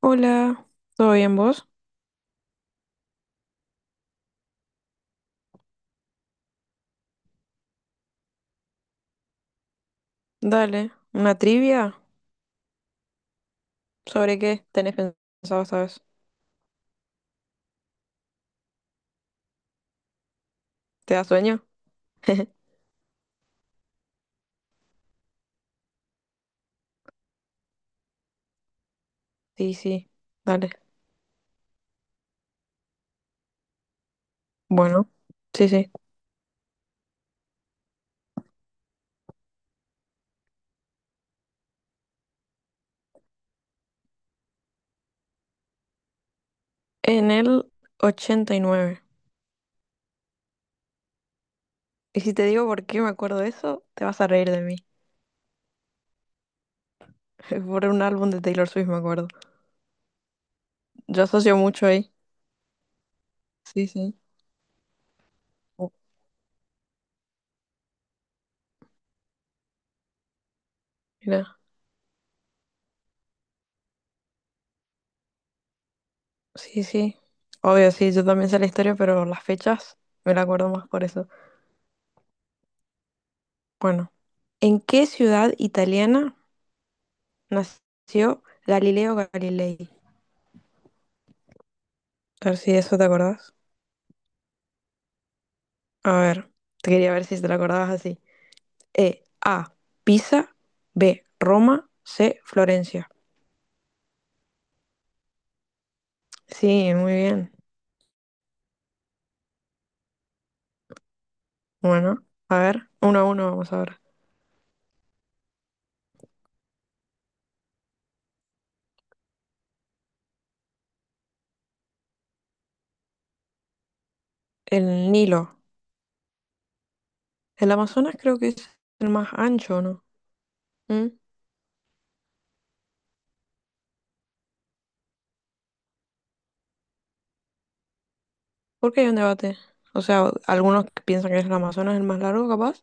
Hola, ¿todo bien vos? Dale, ¿una trivia? ¿Sobre qué tenés pensado esta vez? ¿Te da sueño? Sí, sí, dale. Bueno, sí, sí. En el 89. Y nueve. Y si te digo por qué me acuerdo de eso, te vas a reír de mí. Por un álbum de Taylor Swift me acuerdo. Yo asocio mucho ahí. Sí, sí. Oh, mira, sí, sí. Obvio, sí, yo también sé la historia, pero las fechas me la acuerdo más por eso. Bueno, ¿en qué ciudad italiana nació Galileo Galilei? A ver si de eso te acordás. A ver, te quería ver si te lo acordabas así. E, A, Pisa, B, Roma, C, Florencia. Sí, muy bien. Bueno, a ver, uno a uno vamos ahora. El Nilo. El Amazonas creo que es el más ancho, ¿no? ¿Mm? ¿Por qué hay un debate? O sea, algunos que piensan que es el Amazonas el más largo, capaz.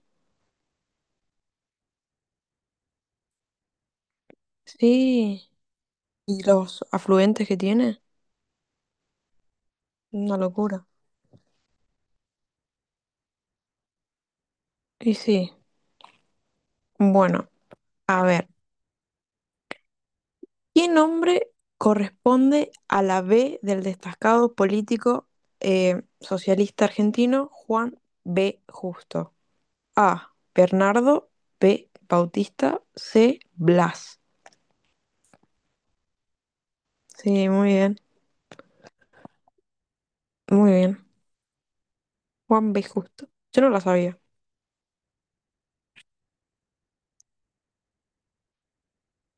Sí, y los afluentes que tiene, una locura. Y sí, bueno, a ver. ¿Qué nombre corresponde a la B del destacado político socialista argentino Juan B. Justo? A. Bernardo, B. Bautista, C. Blas. Sí, muy bien, muy bien. Juan B. Justo. Yo no la sabía.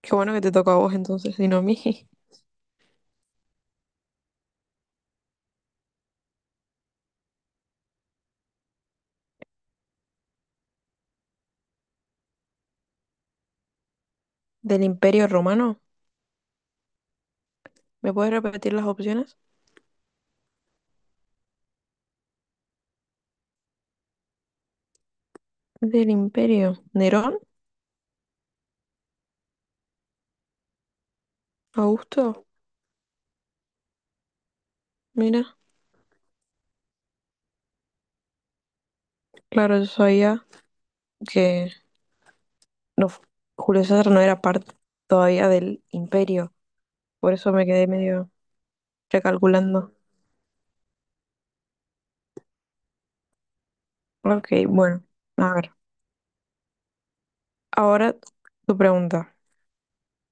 Qué bueno que te toca a vos entonces, y no a mí. ¿Del Imperio Romano? ¿Me puedes repetir las opciones? Del Imperio. ¿Nerón? ¿Augusto? Mira, claro, yo sabía que no, Julio César no era parte todavía del imperio, por eso me quedé medio recalculando. Ok, bueno, a ver. Ahora tu pregunta.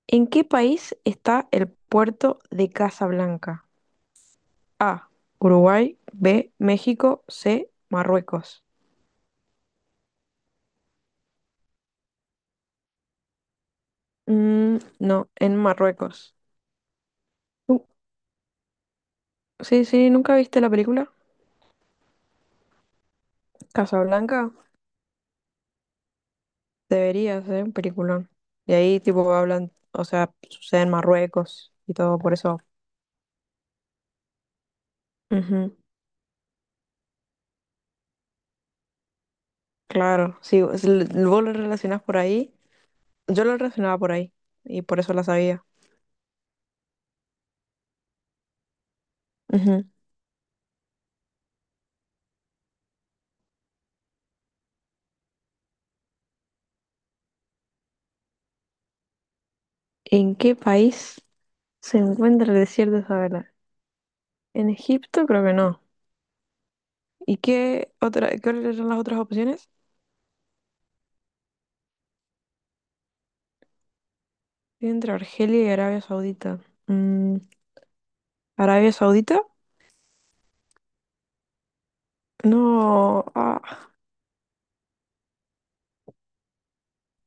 ¿En qué país está el puerto de Casablanca? A. Uruguay. B. México. C. Marruecos. Mm, no, en Marruecos. Uh, sí, sí, ¿nunca viste la película? Casablanca. Debería ser un peliculón. Y ahí tipo hablan, o sea, sucede en Marruecos y todo por eso. Ujú. Claro, sí, vos lo relacionas por ahí. Yo lo relacionaba por ahí y por eso la sabía. Ujú. ¿En qué país se encuentra el desierto de Sahara? En Egipto, creo que no. ¿Y qué otra, cuáles eran las otras opciones? Estoy entre Argelia y Arabia Saudita. Mm, ¿Arabia Saudita? No, ah,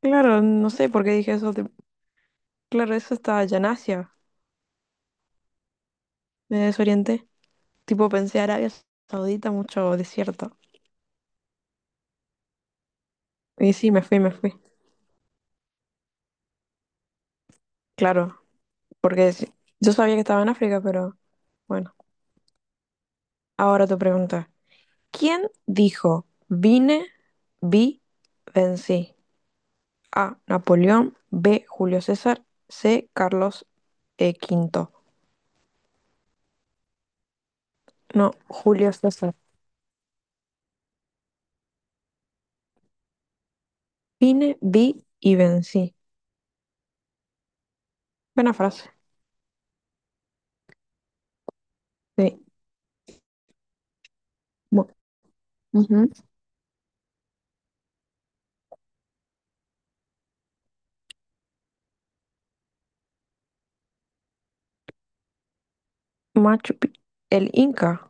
claro, no sé por qué dije eso. Claro, eso está allá en Asia, me desorienté. Tipo, pensé Arabia Saudita, mucho desierto. Y sí, me fui, me fui. Claro, porque sí, yo sabía que estaba en África, pero bueno, ahora tu pregunta. ¿Quién dijo vine, vi, vencí? A. Napoleón. B. Julio César. C. Carlos V. No, Julio César. Vine, vi y vencí. Buena frase. Sí. Bu- Ujú. Machu Picchu. El Inca.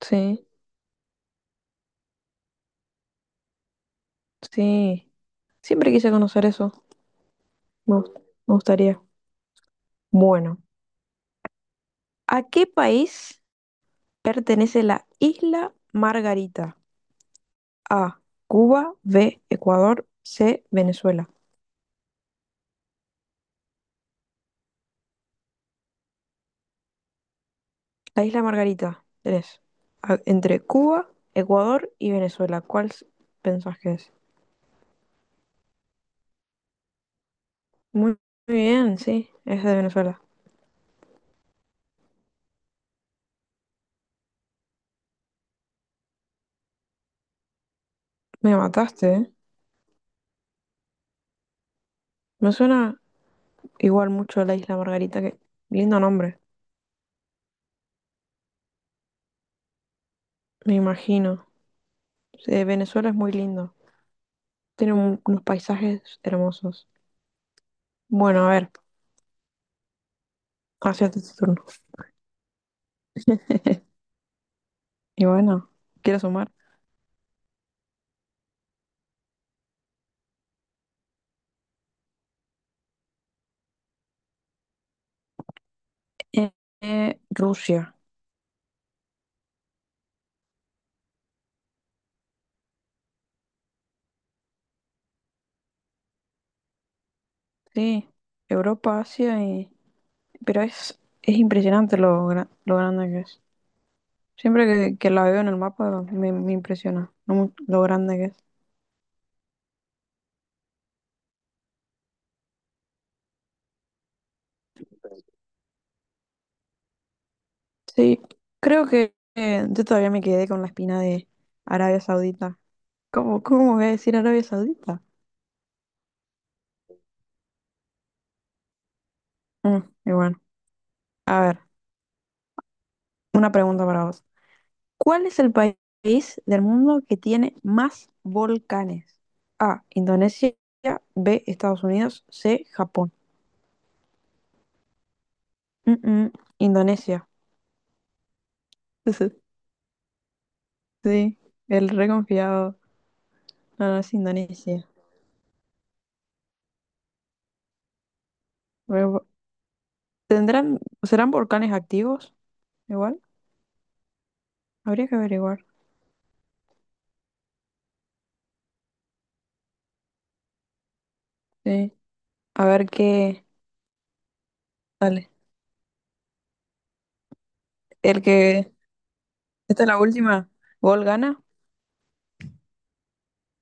Sí, sí. Siempre quise conocer eso. Me gust- Me gustaría. Bueno, ¿a qué país pertenece la isla Margarita? A. Cuba. B. Ecuador. C. Venezuela. La isla Margarita. Tenés entre Cuba, Ecuador y Venezuela. ¿Cuál pensás que es? Muy, muy bien, sí. Es de Venezuela. Me mataste, ¿eh? Me suena igual mucho a la isla Margarita. Lindo nombre. Me imagino. Sí, Venezuela es muy lindo. Tiene unos paisajes hermosos. Bueno, a ver. Hacerte tu turno. Y bueno, quiero sumar. Eh, Rusia, sí, Europa, Asia. Pero es impresionante lo grande que es. Siempre que la veo en el mapa me impresiona lo grande que es. Sí, creo que yo todavía me quedé con la espina de Arabia Saudita. ¿Cómo, cómo voy a decir Arabia Saudita? Mm, y bueno, a ver, una pregunta para vos. ¿Cuál es el país del mundo que tiene más volcanes? A, Indonesia, B, Estados Unidos, C, Japón. Mm, mm, Indonesia. Sí, el reconfiado. No, no es Indonesia. Pero, ¿Tendrán, serán volcanes activos? Igual, habría que averiguar. Sí. A ver qué. Dale. El que. Esta es la última. ¿Gol gana?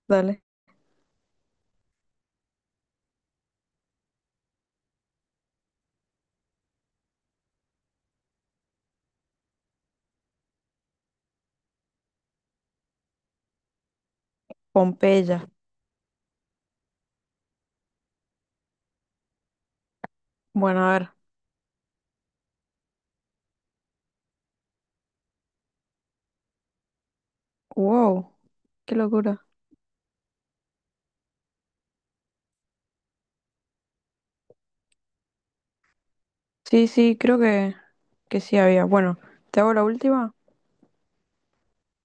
Dale. Pompeya. Bueno, a ver. Wow. Qué locura. Sí, sí, creo que sí había. Bueno, te hago la última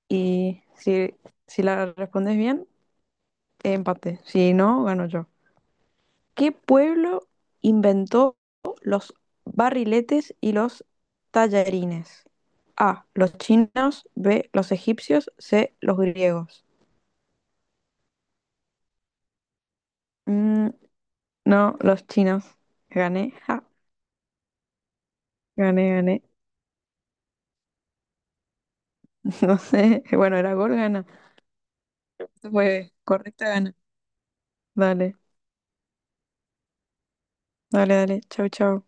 y si la respondes bien, empate. Si no, gano yo. ¿Qué pueblo inventó los barriletes y los tallarines? A, los chinos, B, los egipcios, C, los griegos. Mm, no, los chinos. Gané, ja, gané, gané. No sé, bueno, era gol, gana. Fue correcta, gana. Dale, dale, dale. Chau, chau.